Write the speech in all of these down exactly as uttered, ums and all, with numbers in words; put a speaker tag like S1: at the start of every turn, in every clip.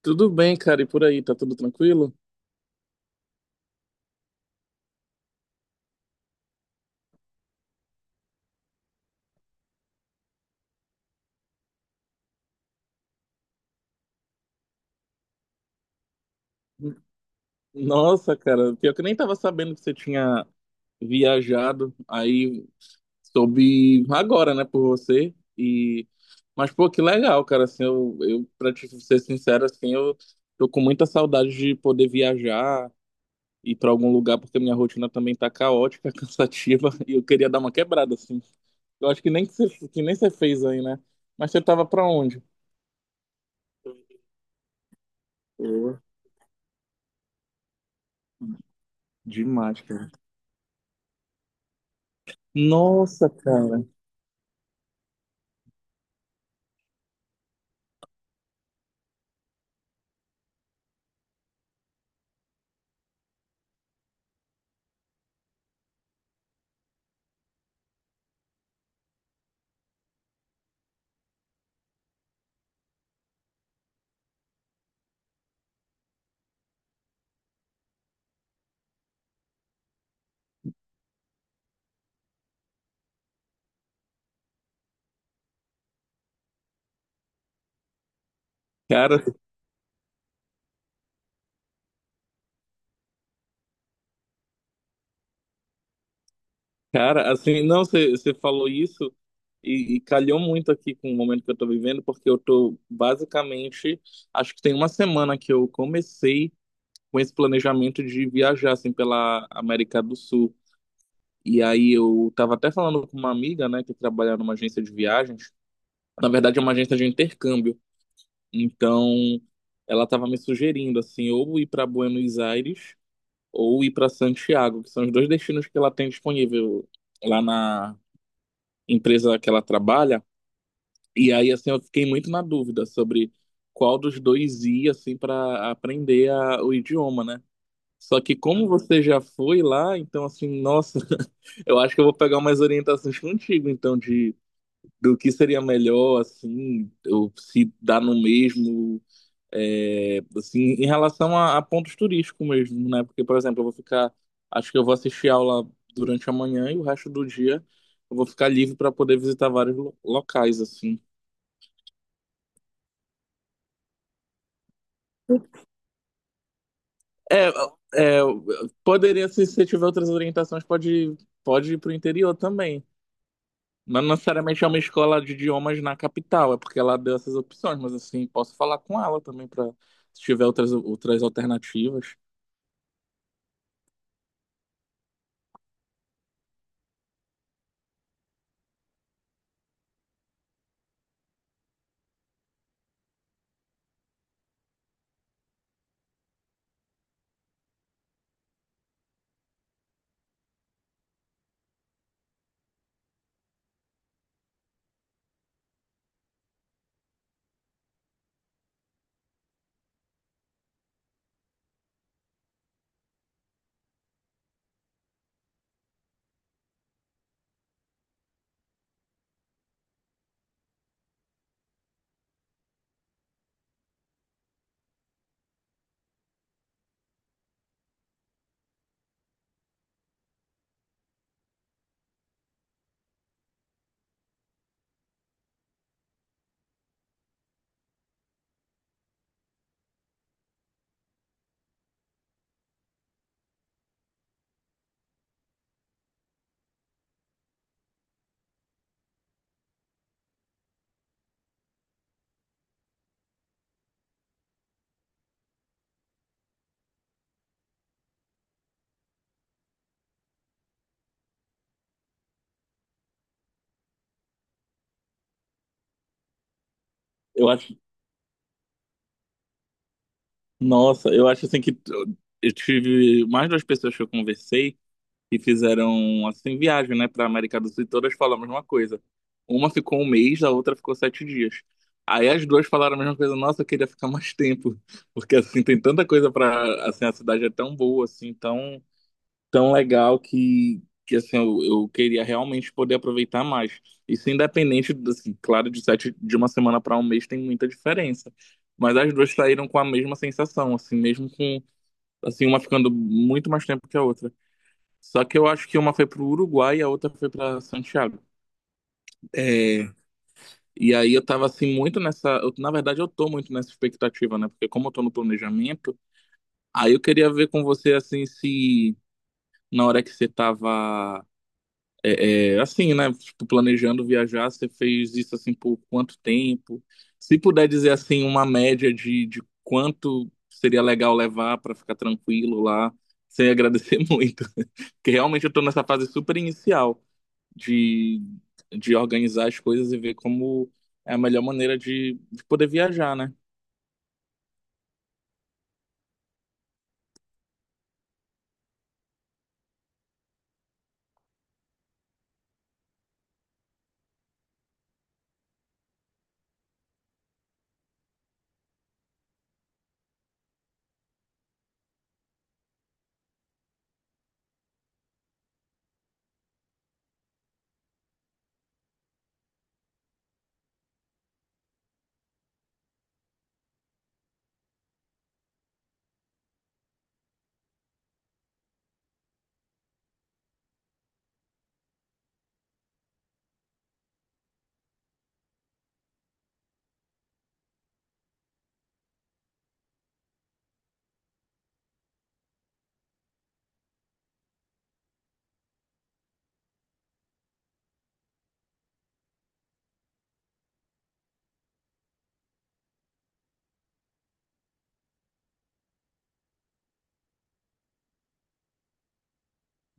S1: Tudo bem, cara, e por aí, tá tudo tranquilo? Nossa, cara, pior que eu nem tava sabendo que você tinha viajado, aí soube agora, né, por você, e... Mas, pô, que legal, cara, assim, eu, eu pra te ser sincero, assim, eu tô com muita saudade de poder viajar, ir pra algum lugar, porque minha rotina também tá caótica, cansativa, e eu queria dar uma quebrada, assim. Eu acho que nem que você, que nem você fez aí, né? Mas você tava pra onde? Pô, demais, cara. Nossa, cara. Cara, cara, assim, não, você você falou isso e, e calhou muito aqui com o momento que eu tô vivendo, porque eu tô basicamente, acho que tem uma semana que eu comecei com esse planejamento de viajar, assim, pela América do Sul. E aí eu tava até falando com uma amiga, né, que trabalha numa agência de viagens, na verdade é uma agência de intercâmbio, então ela tava me sugerindo, assim, ou ir para Buenos Aires ou ir para Santiago, que são os dois destinos que ela tem disponível lá na empresa que ela trabalha. E aí, assim, eu fiquei muito na dúvida sobre qual dos dois ir, assim, para aprender a- o idioma, né? Só que como você já foi lá, então, assim, nossa, eu acho que eu vou pegar umas orientações contigo, então, de do que seria melhor, assim, ou se dá no mesmo, é, assim, em relação a, a pontos turísticos mesmo, né? Porque, por exemplo, eu vou ficar, acho que eu vou assistir aula durante a manhã e o resto do dia eu vou ficar livre para poder visitar vários lo- locais, assim. É, é, poderia, se você tiver outras orientações, pode, pode ir para o interior também. Não necessariamente é uma escola de idiomas na capital, é porque ela deu essas opções, mas assim, posso falar com ela também para se tiver outras, outras alternativas. Eu acho Nossa, eu acho assim que eu eu tive mais duas pessoas que eu conversei que fizeram assim viagem, né, para América do Sul e todas falam a mesma coisa. Uma ficou um mês, a outra ficou sete dias. Aí as duas falaram a mesma coisa. Nossa, eu queria ficar mais tempo, porque assim tem tanta coisa para assim a cidade é tão boa, assim, tão tão legal que, que assim, eu, eu queria realmente poder aproveitar mais. Isso independente, assim, claro, de sete, de uma semana para um mês tem muita diferença. Mas as duas saíram com a mesma sensação, assim, mesmo com, assim, uma ficando muito mais tempo que a outra. Só que eu acho que uma foi pro Uruguai e a outra foi para Santiago. É, e aí eu tava, assim, muito nessa... eu- na verdade, eu tô muito nessa expectativa, né? Porque como eu tô no planejamento, aí eu queria ver com você, assim, se na hora que você tava É, é, assim, né? Tipo, planejando viajar, você fez isso assim por quanto tempo? Se puder dizer assim, uma média de, de quanto seria legal levar para ficar tranquilo lá, sem agradecer muito. Porque realmente eu tô nessa fase super inicial de, de organizar as coisas e ver como é a melhor maneira de, de poder viajar, né?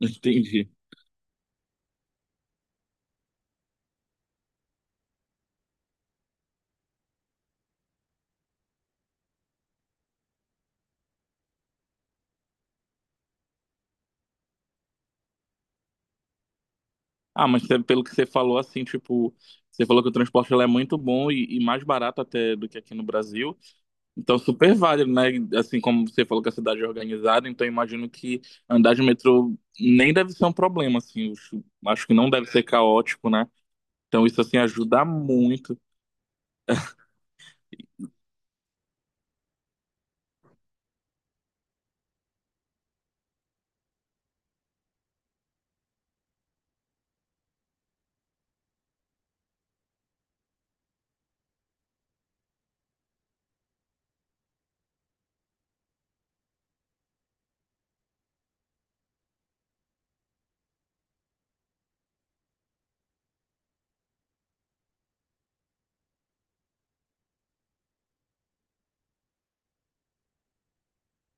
S1: Entendi. Ah, mas cê- pelo que você falou, assim, tipo, você falou que o transporte lá é muito bom e, e mais barato até do que aqui no Brasil. Então, super válido, né? Assim como você falou que a cidade é organizada, então imagino que andar de metrô nem deve ser um problema, assim. Acho acho que não deve ser caótico, né? Então, isso, assim, ajuda muito.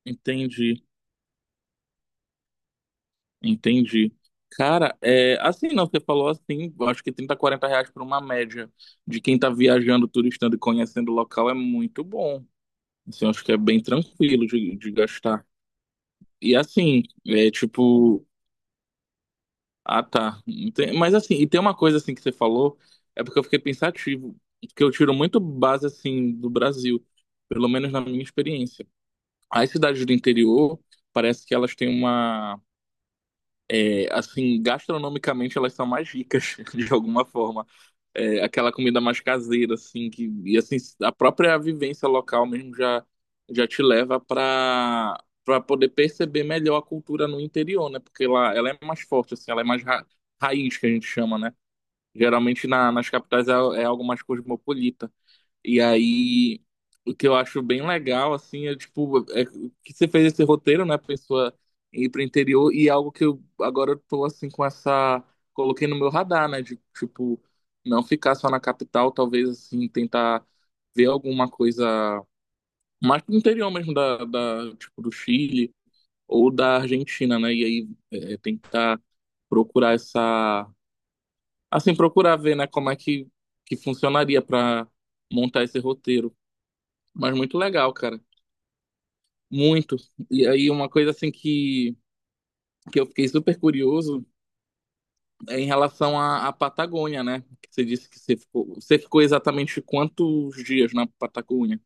S1: Entendi, entendi. Cara, é, assim, não, você falou assim, eu acho que trinta quarenta reais por uma média de quem tá viajando, turistando e conhecendo o local é muito bom. Assim, eu acho que é bem tranquilo de, de gastar. E assim, é tipo. Ah, tá. Ente- Mas assim, e tem uma coisa assim que você falou, é porque eu fiquei pensativo, que eu tiro muito base assim do Brasil, pelo menos na minha experiência. As cidades do interior, parece que elas têm uma é, assim, gastronomicamente elas são mais ricas, de alguma forma. É, aquela comida mais caseira, assim, que, e assim, a própria vivência local mesmo já, já te leva para para poder perceber melhor a cultura no interior, né? Porque lá ela é mais forte, assim, ela é mais ra- raiz, que a gente chama, né? Geralmente na, nas capitais é, é algo mais cosmopolita. E aí, o que eu acho bem legal, assim, é tipo, é que você fez esse roteiro, né, pessoa ir pro interior, e é algo que eu agora eu tô, assim, com essa. Coloquei no meu radar, né, de tipo, não ficar só na capital, talvez, assim, tentar ver alguma coisa mais pro interior mesmo, da, da, tipo, do Chile ou da Argentina, né, e aí é, é tentar procurar essa. Assim, procurar ver, né, como é que, que funcionaria para montar esse roteiro. Mas muito legal, cara. Muito. E aí, uma coisa assim que, que eu fiquei super curioso é em relação à, à Patagônia, né? Que você disse que você ficou, você ficou exatamente quantos dias na Patagônia?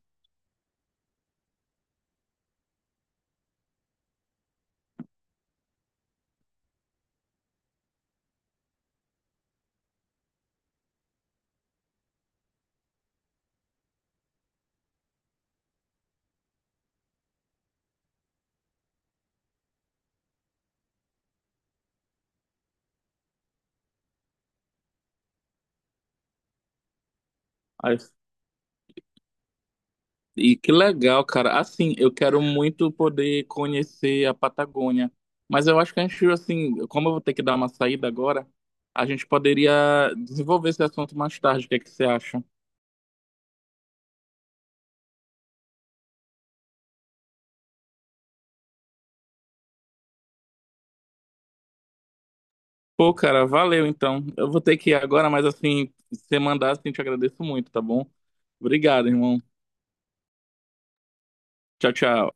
S1: Aí- E que legal, cara. Assim, eu quero muito poder conhecer a Patagônia. Mas eu acho que a gente, assim, como eu vou ter que dar uma saída agora, a gente poderia desenvolver esse assunto mais tarde. O que é que você acha? Pô, cara, valeu então. Eu vou ter que ir agora, mas assim, se você mandar, assim, te agradeço muito, tá bom? Obrigado, irmão. Tchau, tchau.